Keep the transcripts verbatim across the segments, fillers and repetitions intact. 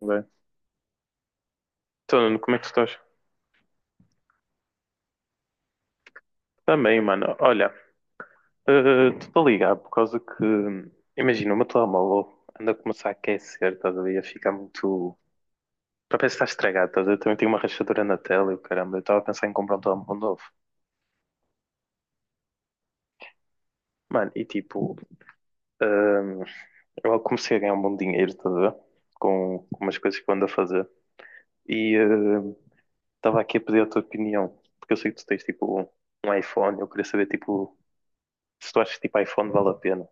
Bem. Então, Nuno, como é que tu estás? Também, mano. Olha, estou a ligar por causa que, imagina, o meu telemóvel anda a começar a aquecer, estás a ver? A ficar muito. Para ver se está estragado, estás a ver? Também tenho uma rachadura na tela e o caramba, eu estava a pensar em comprar um telemóvel novo. Mano, e tipo, hum, eu comecei a ganhar um bom dinheiro, estás a ver? Com, com umas coisas que eu ando a fazer. E estava aqui a pedir a tua opinião, porque eu sei que tu tens tipo um iPhone, eu queria saber tipo se tu achas que tipo iPhone vale a pena.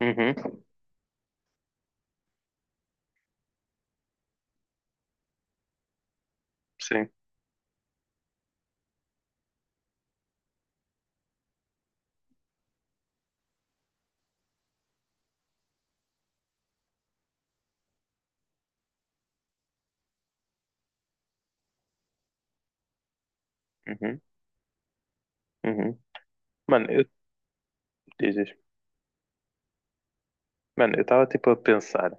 Uhum. Sim. Uhum, uhum. Mano, eu diz, diz. Mano, eu estava tipo a pensar,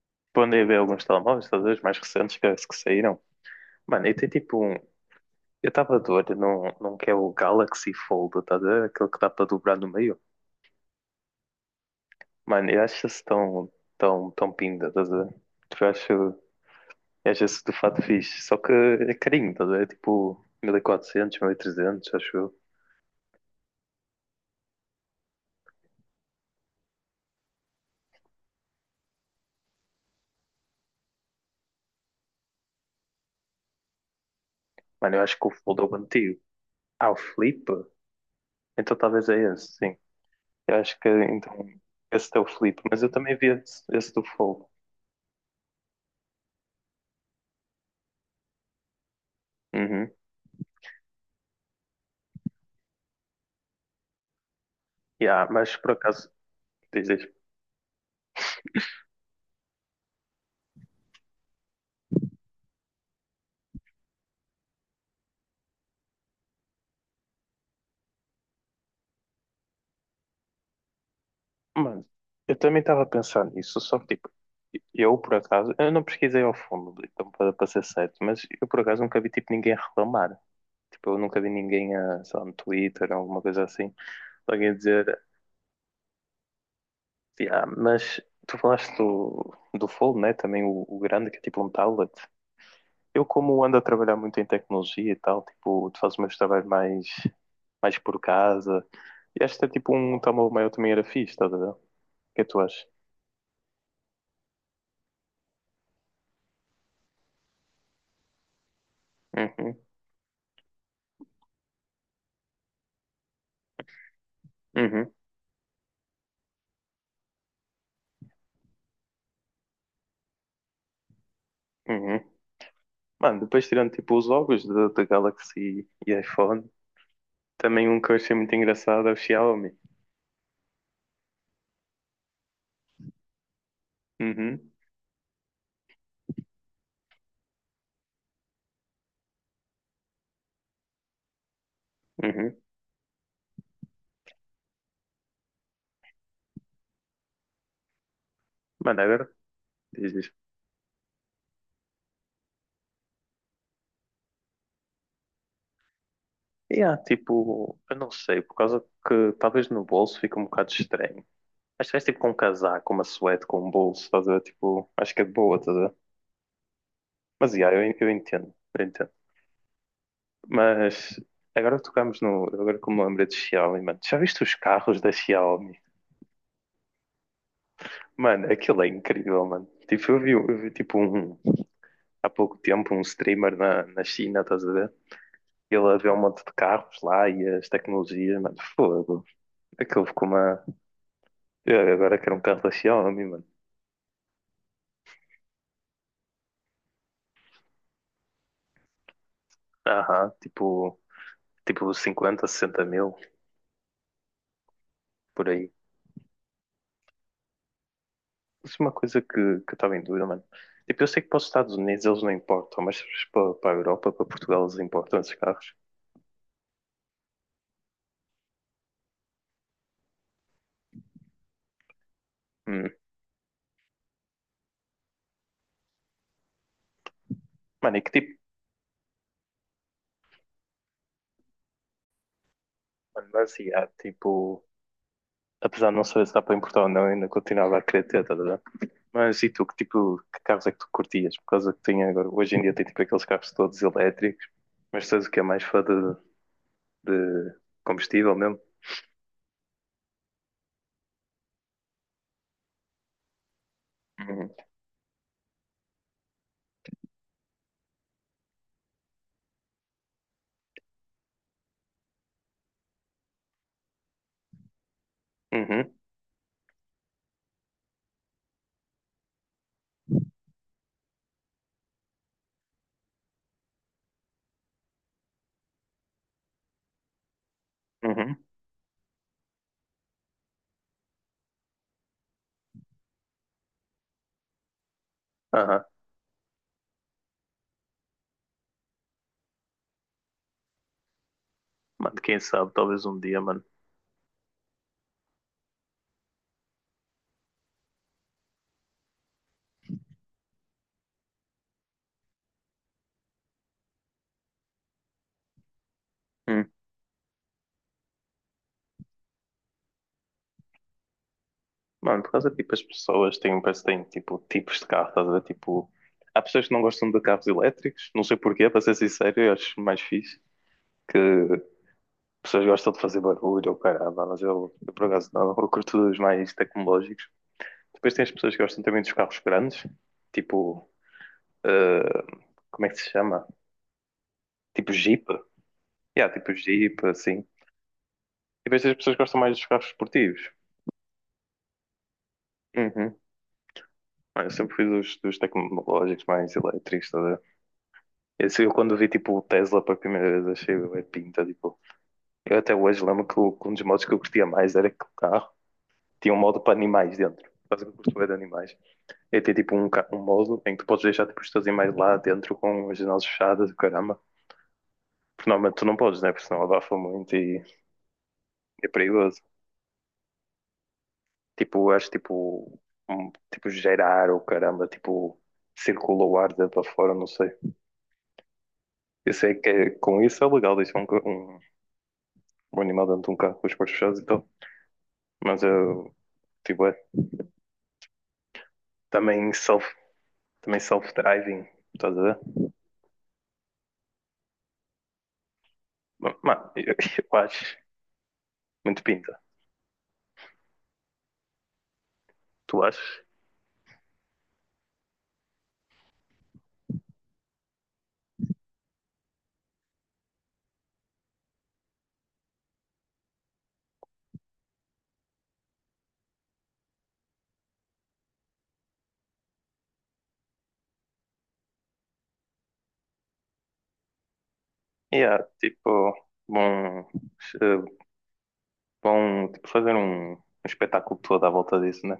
tipo, andei a ver alguns telemóveis, estás a ver, os mais recentes que, que saíram. Mano, eu tenho tipo um. Eu estava de olho num, num que é o Galaxy Fold, estás a ver? Aquele que dá para dobrar no meio. Mano, eu acho isso tão, tão, tão pinda, estás a ver? Tipo, eu acho, eu acho isso de fato fixe. Só que é carinho, estás a ver? É tipo, mil e quatrocentos, mil e trezentos acho eu. Mano, eu acho que o Fold é o antigo. Ah, o Flip? Então talvez é esse, sim. Eu acho que então esse teu Filipe, mas eu também vi esse, esse, do Fogo. Uhum. Yeah, mas por acaso, diz, diz. Mano, eu também estava a pensar nisso, só que tipo, eu por acaso, eu não pesquisei ao fundo, então para, para ser certo, mas eu por acaso nunca vi tipo ninguém a reclamar. Tipo, eu nunca vi ninguém, a, sei lá, no Twitter, alguma coisa assim, alguém a dizer, yeah, mas tu falaste do, do Fold, né? Também o, o grande, que é tipo um tablet. Eu, como ando a trabalhar muito em tecnologia e tal, tipo, tu fazes meus trabalhos mais, mais por casa. E acho que é, tipo um tamanho maior também era fixe, estás a ver? O que é que tu achas? Uhum, uhum, uhum. Mano, depois tirando tipo os logos da da Galaxy e iPhone, também um que eu achei muito engraçado é o Xiaomi. Uhum, uhum. Mano, agora diz isso. E há tipo, eu não sei, por causa que talvez no bolso fica um bocado estranho. Acho que vais tipo com um casaco, uma suéte com um bolso, estás a ver? Tipo, acho que é de boa, estás a ver? Mas yeah, eu, eu entendo, eu entendo. Mas agora que tocamos no. Agora como me lembrei de Xiaomi, mano. Já viste os carros da Xiaomi? Mano, aquilo é incrível, mano. Tipo, eu vi, eu vi tipo um, há pouco tempo um streamer na, na China, estás a ver? Ele a ver um monte de carros lá e as tecnologias, mano, fogo. Aquilo ficou uma. Eu agora quero um carro da Xiaomi, mano. Aham, tipo, tipo, cinquenta, sessenta mil, por aí. Isso é uma coisa que, que eu estava em dúvida, mano. Tipo, eu sei que para os Estados Unidos eles não importam, mas para, para a Europa, para Portugal, eles importam esses carros. Hum. Mano, e que tipo, mano, mas yeah, tipo, apesar de não saber se dá para importar ou não, ainda continuava a querer ter, tá, tá, tá. Mas e tu, que tipo, que carros é que tu curtias? Por causa que tem agora, hoje em dia tem tipo aqueles carros todos elétricos, mas tu és o que é mais fã de, de combustível mesmo? Uhum, uhum, uhum. Aham. Mano, quem sabe, talvez um dia, mano. Hum. Mano, por causa, tipo, as pessoas têm, parece que têm, tipo, tipos de carro, estás a ver? Tipo, há pessoas que não gostam de carros elétricos, não sei porquê, para ser sincero, eu acho mais fixe que pessoas gostam de fazer barulho ou caralho, mas eu, eu, por acaso, não, eu curto os mais tecnológicos. Depois tem as pessoas que gostam também dos carros grandes, tipo, eh, como é que se chama? Tipo Jeep? Yeah, tipo Jeep, assim. E depois tem as pessoas que gostam mais dos carros esportivos. Uhum. Mano, eu sempre fui dos, dos tecnológicos mais elétricos, tá? Esse, eu quando vi tipo o Tesla pela primeira vez achei bué pinta, tipo. Eu até hoje lembro que, o- que um dos modos que eu curtia mais era que o carro tinha um modo para animais dentro. Quase que eu curto bué de animais. E tem tipo um, ca- um modo em que tu podes deixar tipo, os teus animais lá dentro com as janelas fechadas, caramba. Porque normalmente tu não podes, né? Porque senão abafa muito e é perigoso. Tipo, eu acho tipo, um, tipo gerar ou caramba, tipo, circula o ar dentro para fora, não sei. Eu sei que é- com isso é legal deixar um, ca- um, um animal dentro de um carro com as portas fechadas e tal. Mas eu tipo, é também self, também self-driving, estás a ver? Mano, eu, eu acho muito pinta. Tu achas? Yeah, tipo, bom, eh, bom, tipo, fazer um, um espetáculo todo à volta disso, né?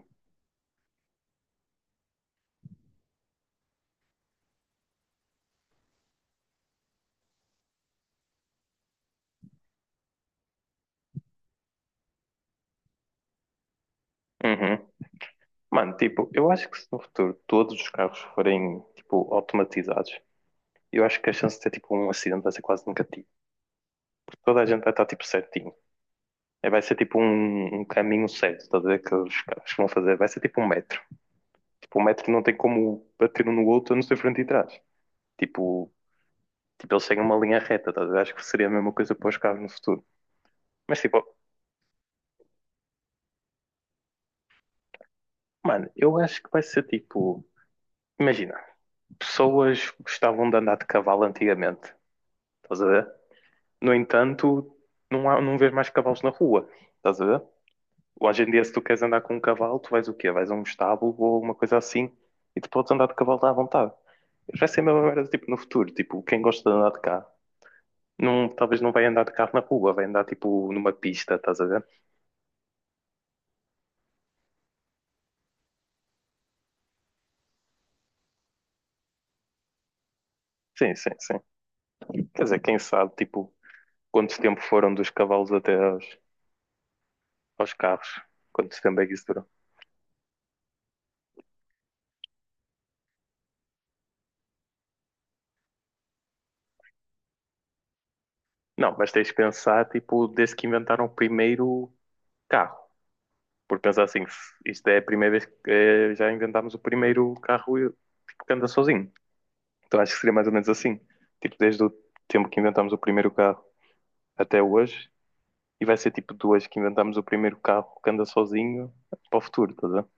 Uhum. Mano, tipo, eu acho que se no futuro todos os carros forem, tipo, automatizados, eu acho que a chance de ter, tipo, um acidente vai ser quase negativa. Toda a gente vai estar, tipo, certinho. É, vai ser, tipo, um, um caminho certo, estás a ver? Que os carros vão fazer. Vai ser, tipo, um metro. O metro não tem como bater um no outro, a não ser frente e trás. Tipo, tipo eles seguem uma linha reta, tá? A acho que seria a mesma coisa para os carros no futuro. Mas tipo, mano, eu acho que vai ser tipo. Imagina, pessoas gostavam de andar de cavalo antigamente, estás a ver? No entanto, não, há, não vês mais cavalos na rua, estás a ver? Hoje em dia, se tu queres andar com um cavalo, tu vais o quê? Vais a um estábulo ou uma coisa assim e tu podes andar de cavalo à vontade. Vai ser a mesma merda tipo, no futuro. Tipo, quem gosta de andar de carro. Não, talvez não vai andar de carro na rua, vai andar tipo numa pista, estás a ver? Sim, sim, sim. Quer dizer, quem sabe, tipo, quanto tempo foram dos cavalos até aos, aos carros? Quanto tempo é que isso durou? Não, mas tens de pensar, tipo, desde que inventaram o primeiro carro. Porque pensar assim, isto é a primeira vez que eh, já inventámos o primeiro carro tipo, que anda sozinho. Então acho que seria mais ou menos assim. Tipo, desde o tempo que inventámos o primeiro carro até hoje, e vai ser tipo de hoje que inventámos o primeiro carro que anda sozinho para o futuro, estás a ver?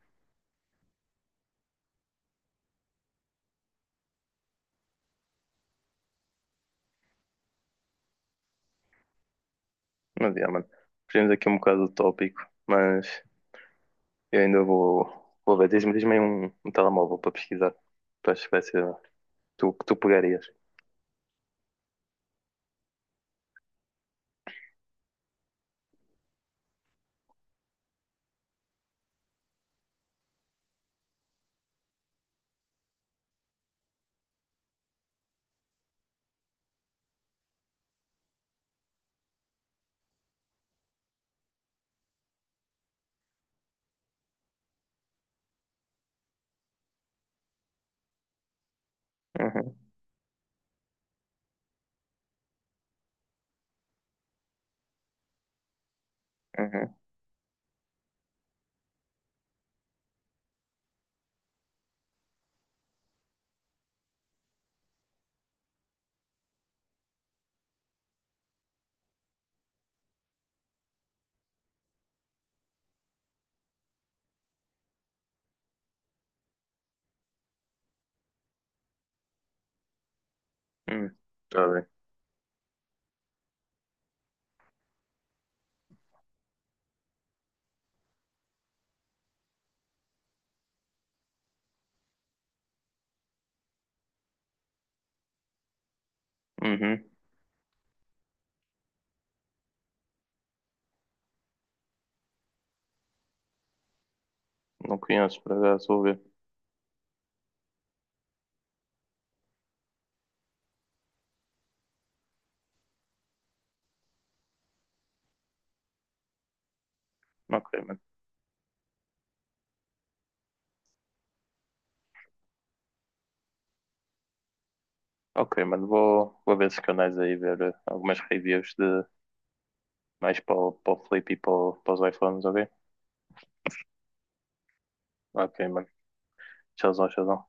Mas, yeah, mano, fugimos aqui um bocado do tópico, mas eu ainda vou, vou ver. Diz-me, diz-me aí um, um telemóvel para pesquisar. Tu achas que vai ser tu que tu pegarias? Uhum, uhum, uhum. Tá bem. Uhum. Não conheço, por acaso, vou ver. Ok, mano. Ok, mano, vou, vou ver esses canais aí, ver eh, algumas reviews de mais para o, para o Flip e para, o- para os iPhones, ok? Ok, mano. Tchauzão, tchauzão.